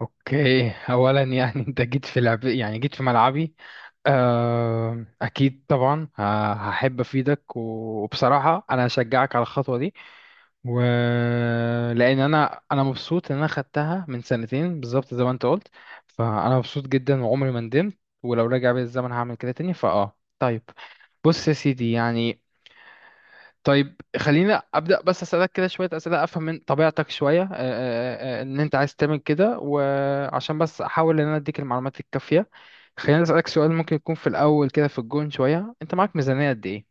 اوكي، اولا يعني انت جيت في لعب، يعني جيت في ملعبي. اكيد طبعا. هحب افيدك وبصراحه انا هشجعك على الخطوه دي و... لان انا مبسوط ان انا خدتها من سنتين بالظبط زي ما انت قلت. فانا مبسوط جدا وعمري ما ندمت، ولو رجع بيا الزمن هعمل كده تاني. فاه، طيب بص يا سيدي يعني، طيب خلينا ابدا بس اسالك كده شويه اسئله افهم من طبيعتك شويه، ان انت عايز تعمل كده، وعشان بس احاول ان انا اديك المعلومات الكافيه. خلينا اسالك سؤال ممكن يكون في الاول كده في الجون شويه، انت معاك ميزانيه قد ايه؟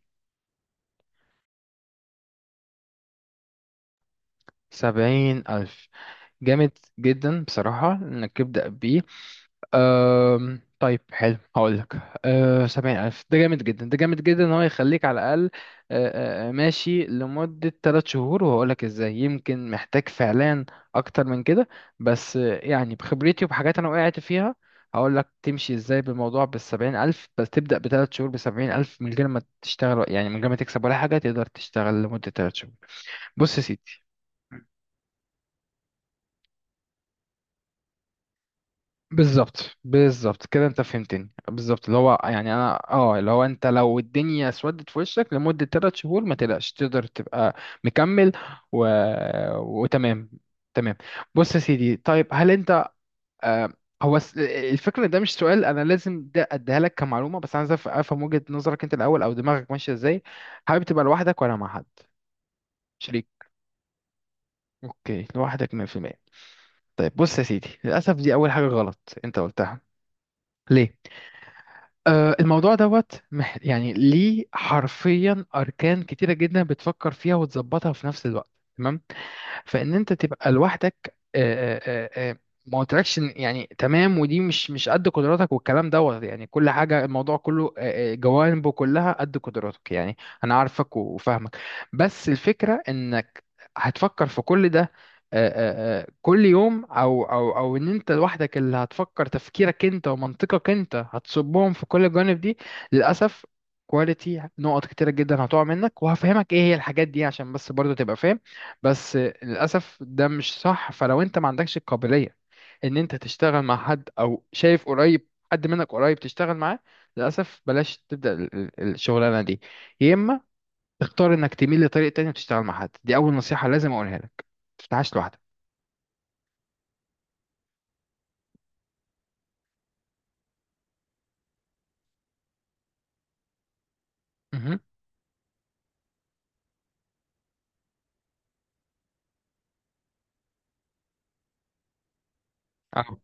70,000، جامد جدا بصراحه انك تبدا بيه. طيب، حلو، هقول لك. أه، 70,000 ده جامد جدا، ده جامد جدا إن هو يخليك على الأقل أه، أه، ماشي لمدة تلات شهور، وهقول لك إزاي. يمكن محتاج فعلا أكتر من كده، بس يعني بخبرتي وبحاجات أنا وقعت فيها، هقول لك تمشي إزاي بالموضوع بال70,000. بس تبدأ بتلات شهور ب70,000 من غير ما تشتغل، يعني من غير ما تكسب ولا حاجة تقدر تشتغل لمدة تلات شهور. بص يا سيدي. بالظبط، بالظبط كده انت فهمتني بالظبط، اللي هو يعني انا اه اللي هو انت لو الدنيا اسودت في وشك لمدة ثلاث شهور ما تقلقش تقدر تبقى مكمل و... وتمام، تمام. بص يا سيدي، طيب هل انت آه، هو الفكرة ده مش سؤال، انا لازم ده اديها لك كمعلومة، بس انا عايز افهم وجهة نظرك انت الاول، او دماغك ماشية ازاي. حابب تبقى لوحدك ولا مع حد، شريك؟ اوكي، لوحدك 100%. طيب بص يا سيدي، للاسف دي اول حاجة غلط انت قلتها. ليه؟ الموضوع دوت يعني ليه حرفيا أركان كتيرة جدا بتفكر فيها وتظبطها في نفس الوقت. تمام، فان انت تبقى لوحدك، ما قلتلكش إن- يعني تمام، ودي مش قد قدراتك، والكلام دوت يعني كل حاجه، الموضوع كله جوانبه كلها قد قدراتك، يعني انا عارفك وفاهمك. بس الفكره انك هتفكر في كل ده كل يوم، او ان انت لوحدك اللي هتفكر، تفكيرك انت ومنطقك انت هتصبهم في كل الجوانب دي. للاسف كواليتي نقط كتيرة جدا هتقع منك، وهفهمك ايه هي الحاجات دي عشان بس برضو تبقى فاهم. بس للأسف ده مش صح. فلو أنت ما عندكش القابلية إن أنت تشتغل مع حد، أو شايف قريب حد منك قريب تشتغل معاه، للأسف بلاش تبدأ الشغلانة دي. يا إما تختار إنك تميل لطريق تاني وتشتغل مع حد. دي أول نصيحة لازم أقولها لك: ما تفتحهاش لوحدك. مهم. أهو.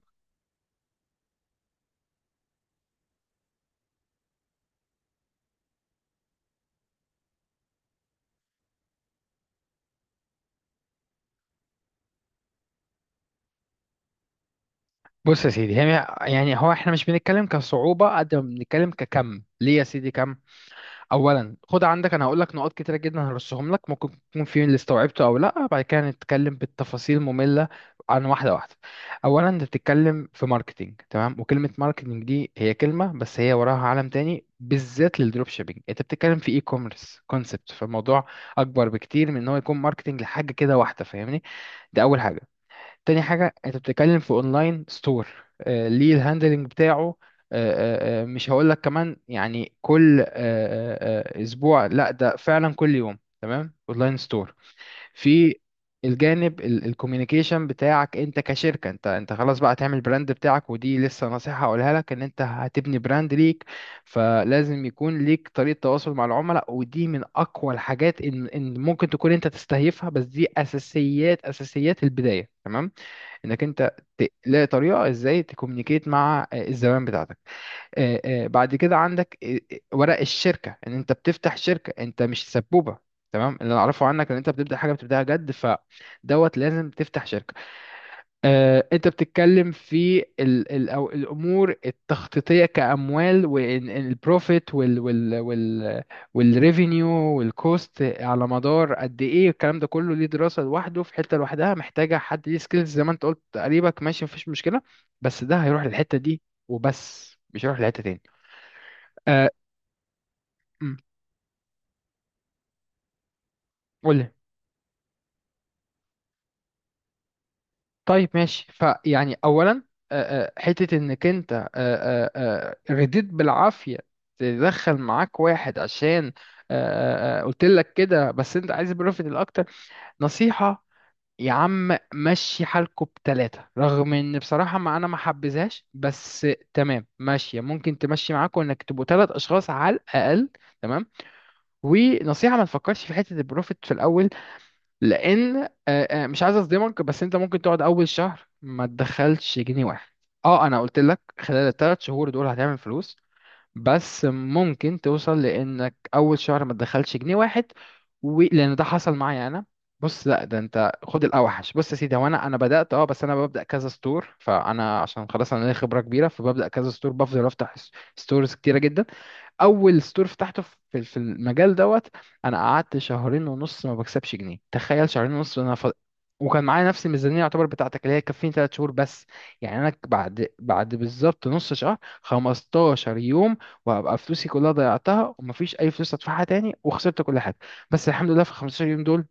بص يا سيدي، يعني هو إحنا مش بنتكلم كصعوبة قد ما بنتكلم ككم، ليه يا سيدي؟ كم. اولا خد عندك، انا هقول لك نقاط كتيره جدا هرصهم لك، ممكن تكون في اللي استوعبته او لا، بعد كده نتكلم بالتفاصيل ممله عن واحده واحده. اولا انت بتتكلم في ماركتينج، تمام، وكلمه ماركتينج دي هي كلمه، بس هي وراها عالم تاني بالذات للدروب شيبينج. انت بتتكلم في اي كوميرس كونسبت، فالموضوع اكبر بكتير من ان هو يكون ماركتينج لحاجه كده واحده، فاهمني؟ ده اول حاجه. تاني حاجة، انت بتتكلم في اونلاين ستور، ليه الهاندلنج بتاعه، مش هقول لك كمان يعني كل اسبوع، لا ده فعلا كل يوم. تمام، اونلاين ستور. في الجانب الكوميونيكيشن بتاعك انت كشركة، انت خلاص بقى هتعمل براند بتاعك، ودي لسه نصيحة هقولها لك، ان انت هتبني براند ليك، فلازم يكون ليك طريقة تواصل مع العملاء، ودي من اقوى الحاجات ان ممكن تكون انت تستهيفها، بس دي اساسيات، اساسيات البداية. تمام، انك انت تلاقي طريقه ازاي تكومينيكيت مع الزبائن بتاعتك. بعد كده عندك ورق الشركه، ان انت بتفتح شركه، انت مش سبوبه، تمام؟ اللي انا اعرفه عنك ان انت بتبدا حاجه بتبداها جد، فدوت لازم تفتح شركه. انت بتتكلم في ال ال أو الامور التخطيطيه كاموال والبروفيت والريفينيو والكوست على مدار قد ايه، الكلام ده كله ليه دراسه لوحده في حته لوحدها، محتاجه حد ليه سكيلز زي ما انت قلت تقريبا. ماشي، مفيش مشكله، بس ده هيروح للحته دي وبس، مش هيروح لحته تاني. آه، قول. طيب ماشي، فيعني اولا حته انك انت رديت بالعافيه تدخل معاك واحد عشان قلت لك كده، بس انت عايز بروفيت الاكتر. نصيحه، يا عم مشي حالكوا بتلاتة، رغم ان بصراحة ما انا ما حبذهاش، بس تمام ماشية، ممكن تمشي معاكوا انك تبقوا تلات اشخاص على الاقل. تمام، ونصيحة ما تفكرش في حتة البروفيت في الاول، لان مش عايز اصدمك، بس انت ممكن تقعد اول شهر ما تدخلش جنيه واحد. اه، انا قلت لك خلال الثلاث شهور دول هتعمل فلوس، بس ممكن توصل لانك اول شهر ما تدخلش جنيه واحد لان ده حصل معايا انا. بص لا ده انت خد الاوحش. بص يا سيدي، هو انا بدات اه، بس انا ببدا كذا ستور، فانا عشان خلاص انا ليا خبره كبيره، فببدا كذا ستور، بفضل افتح ستورز كتيره جدا. اول ستور فتحته في المجال دوت انا قعدت شهرين ونص ما بكسبش جنيه، تخيل، شهرين ونص، انا وكان معايا نفس الميزانيه يعتبر بتاعتك اللي هي تكفيني 3 شهور بس. يعني انا بعد بالظبط نص شهر، 15 يوم، وهبقى فلوسي كلها ضيعتها ومفيش اي فلوس ادفعها تاني، وخسرت كل حاجه. بس الحمد لله في 15 يوم دول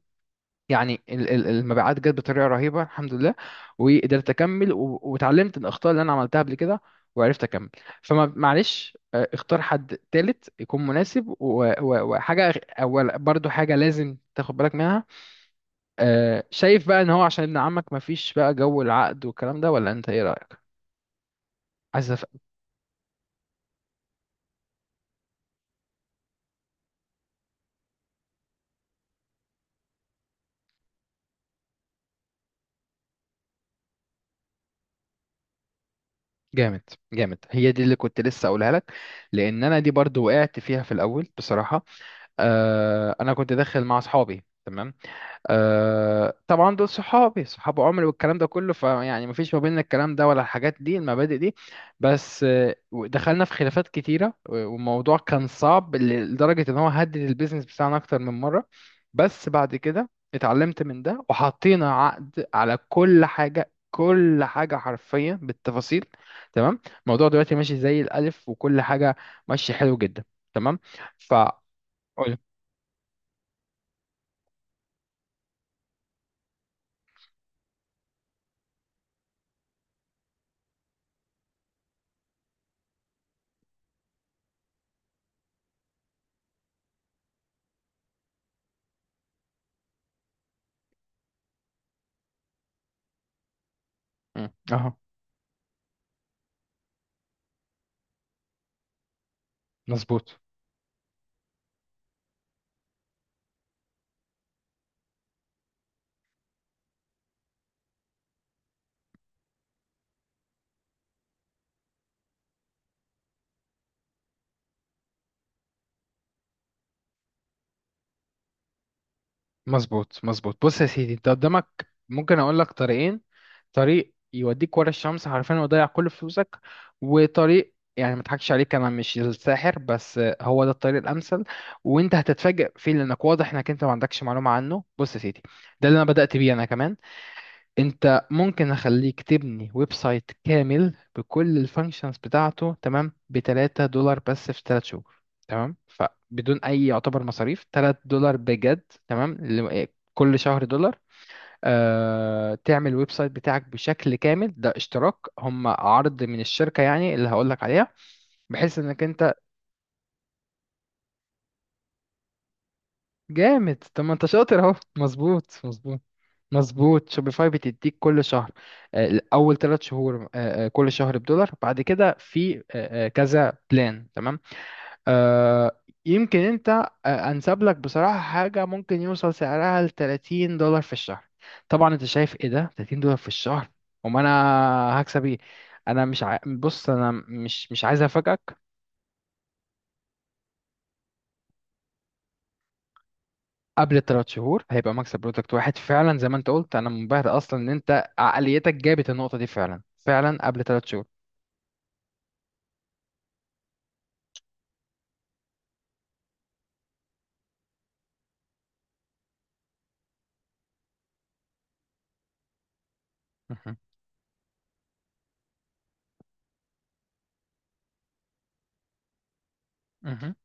يعني المبيعات جت بطريقه رهيبه، الحمد لله، وقدرت اكمل، واتعلمت الاخطاء اللي انا عملتها قبل كده وعرفت اكمل. فما معلش، اختار حد تالت يكون مناسب، وحاجه اول برضو حاجه لازم تاخد بالك منها، شايف بقى ان هو عشان ابن عمك مفيش بقى جو العقد والكلام ده، ولا انت ايه رايك؟ عايز أف-. جامد، جامد، هي دي اللي كنت لسه اقولها لك، لان انا دي برضو وقعت فيها في الاول بصراحه. انا كنت داخل مع اصحابي، تمام، آه طبعا دول صحابي صحاب عمري والكلام ده كله، فيعني مفيش ما بيننا الكلام ده ولا الحاجات دي المبادئ دي، بس دخلنا في خلافات كتيرة، والموضوع كان صعب لدرجة ان هو هدد البيزنس بتاعنا اكتر من مرة. بس بعد كده اتعلمت من ده وحطينا عقد على كل حاجة، كل حاجة حرفيا بالتفاصيل. تمام، الموضوع دلوقتي ماشي زي الألف، وكل حاجة ماشية حلو جدا. تمام، فقول. اهو. مظبوط مظبوط مظبوط. بص يا سيدي، انت قدامك ممكن اقول لك طريقين: طريق يوديك ورا الشمس حرفيا ويضيع كل فلوسك، وطريق يعني، ما اضحكش عليك انا مش الساحر، بس هو ده الطريق الامثل، وانت هتتفاجئ فيه لانك واضح انك انت ما عندكش معلومه عنه. بص يا سيدي، ده اللي انا بدات بيه انا كمان. انت ممكن اخليك تبني ويب سايت كامل بكل الفانكشنز بتاعته، تمام، ب 3 دولار بس في 3 شهور، تمام، فبدون اي يعتبر مصاريف، 3 دولار بجد، تمام، اللي- كل شهر دولار، تعمل ويب سايت بتاعك بشكل كامل. ده اشتراك، هم عرض من الشركة يعني اللي هقولك عليها، بحيث انك انت. جامد، طب ما انت شاطر اهو، مظبوط، مظبوط. مظبوط، شوبيفاي بتديك كل شهر اول ثلاث شهور كل شهر بدولار، بعد كده في كذا بلان. تمام، آه، يمكن انت انسب لك بصراحة حاجة ممكن يوصل سعرها ل 30 دولار في الشهر. طبعا انت شايف ايه، ده 30 دولار في الشهر، وما انا هكسب ايه؟ انا مش بص انا مش عايز افاجئك. قبل الثلاث شهور هيبقى مكسب برودكت واحد، فعلا زي ما انت قلت، انا منبهر اصلا ان انت عقليتك جابت النقطة دي فعلا، فعلا قبل ثلاث شهور. مهم.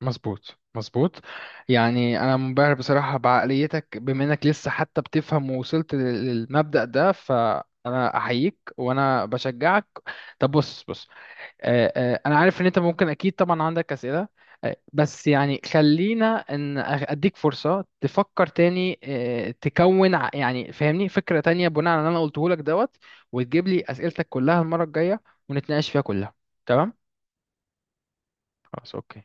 مظبوط، مظبوط. يعني انا منبهر بصراحه بعقليتك، بما انك لسه حتى بتفهم ووصلت للمبدأ ده، فانا احييك وانا بشجعك. طب بص، بص انا عارف ان انت ممكن اكيد طبعا عندك اسئله، بس يعني خلينا ان اديك فرصه تفكر تاني، تكون يعني فاهمني فكره تانية بناء على اللي انا قلته لك دوت، وتجيب لي اسئلتك كلها المره الجايه ونتناقش فيها كلها. تمام. خلاص، اوكي.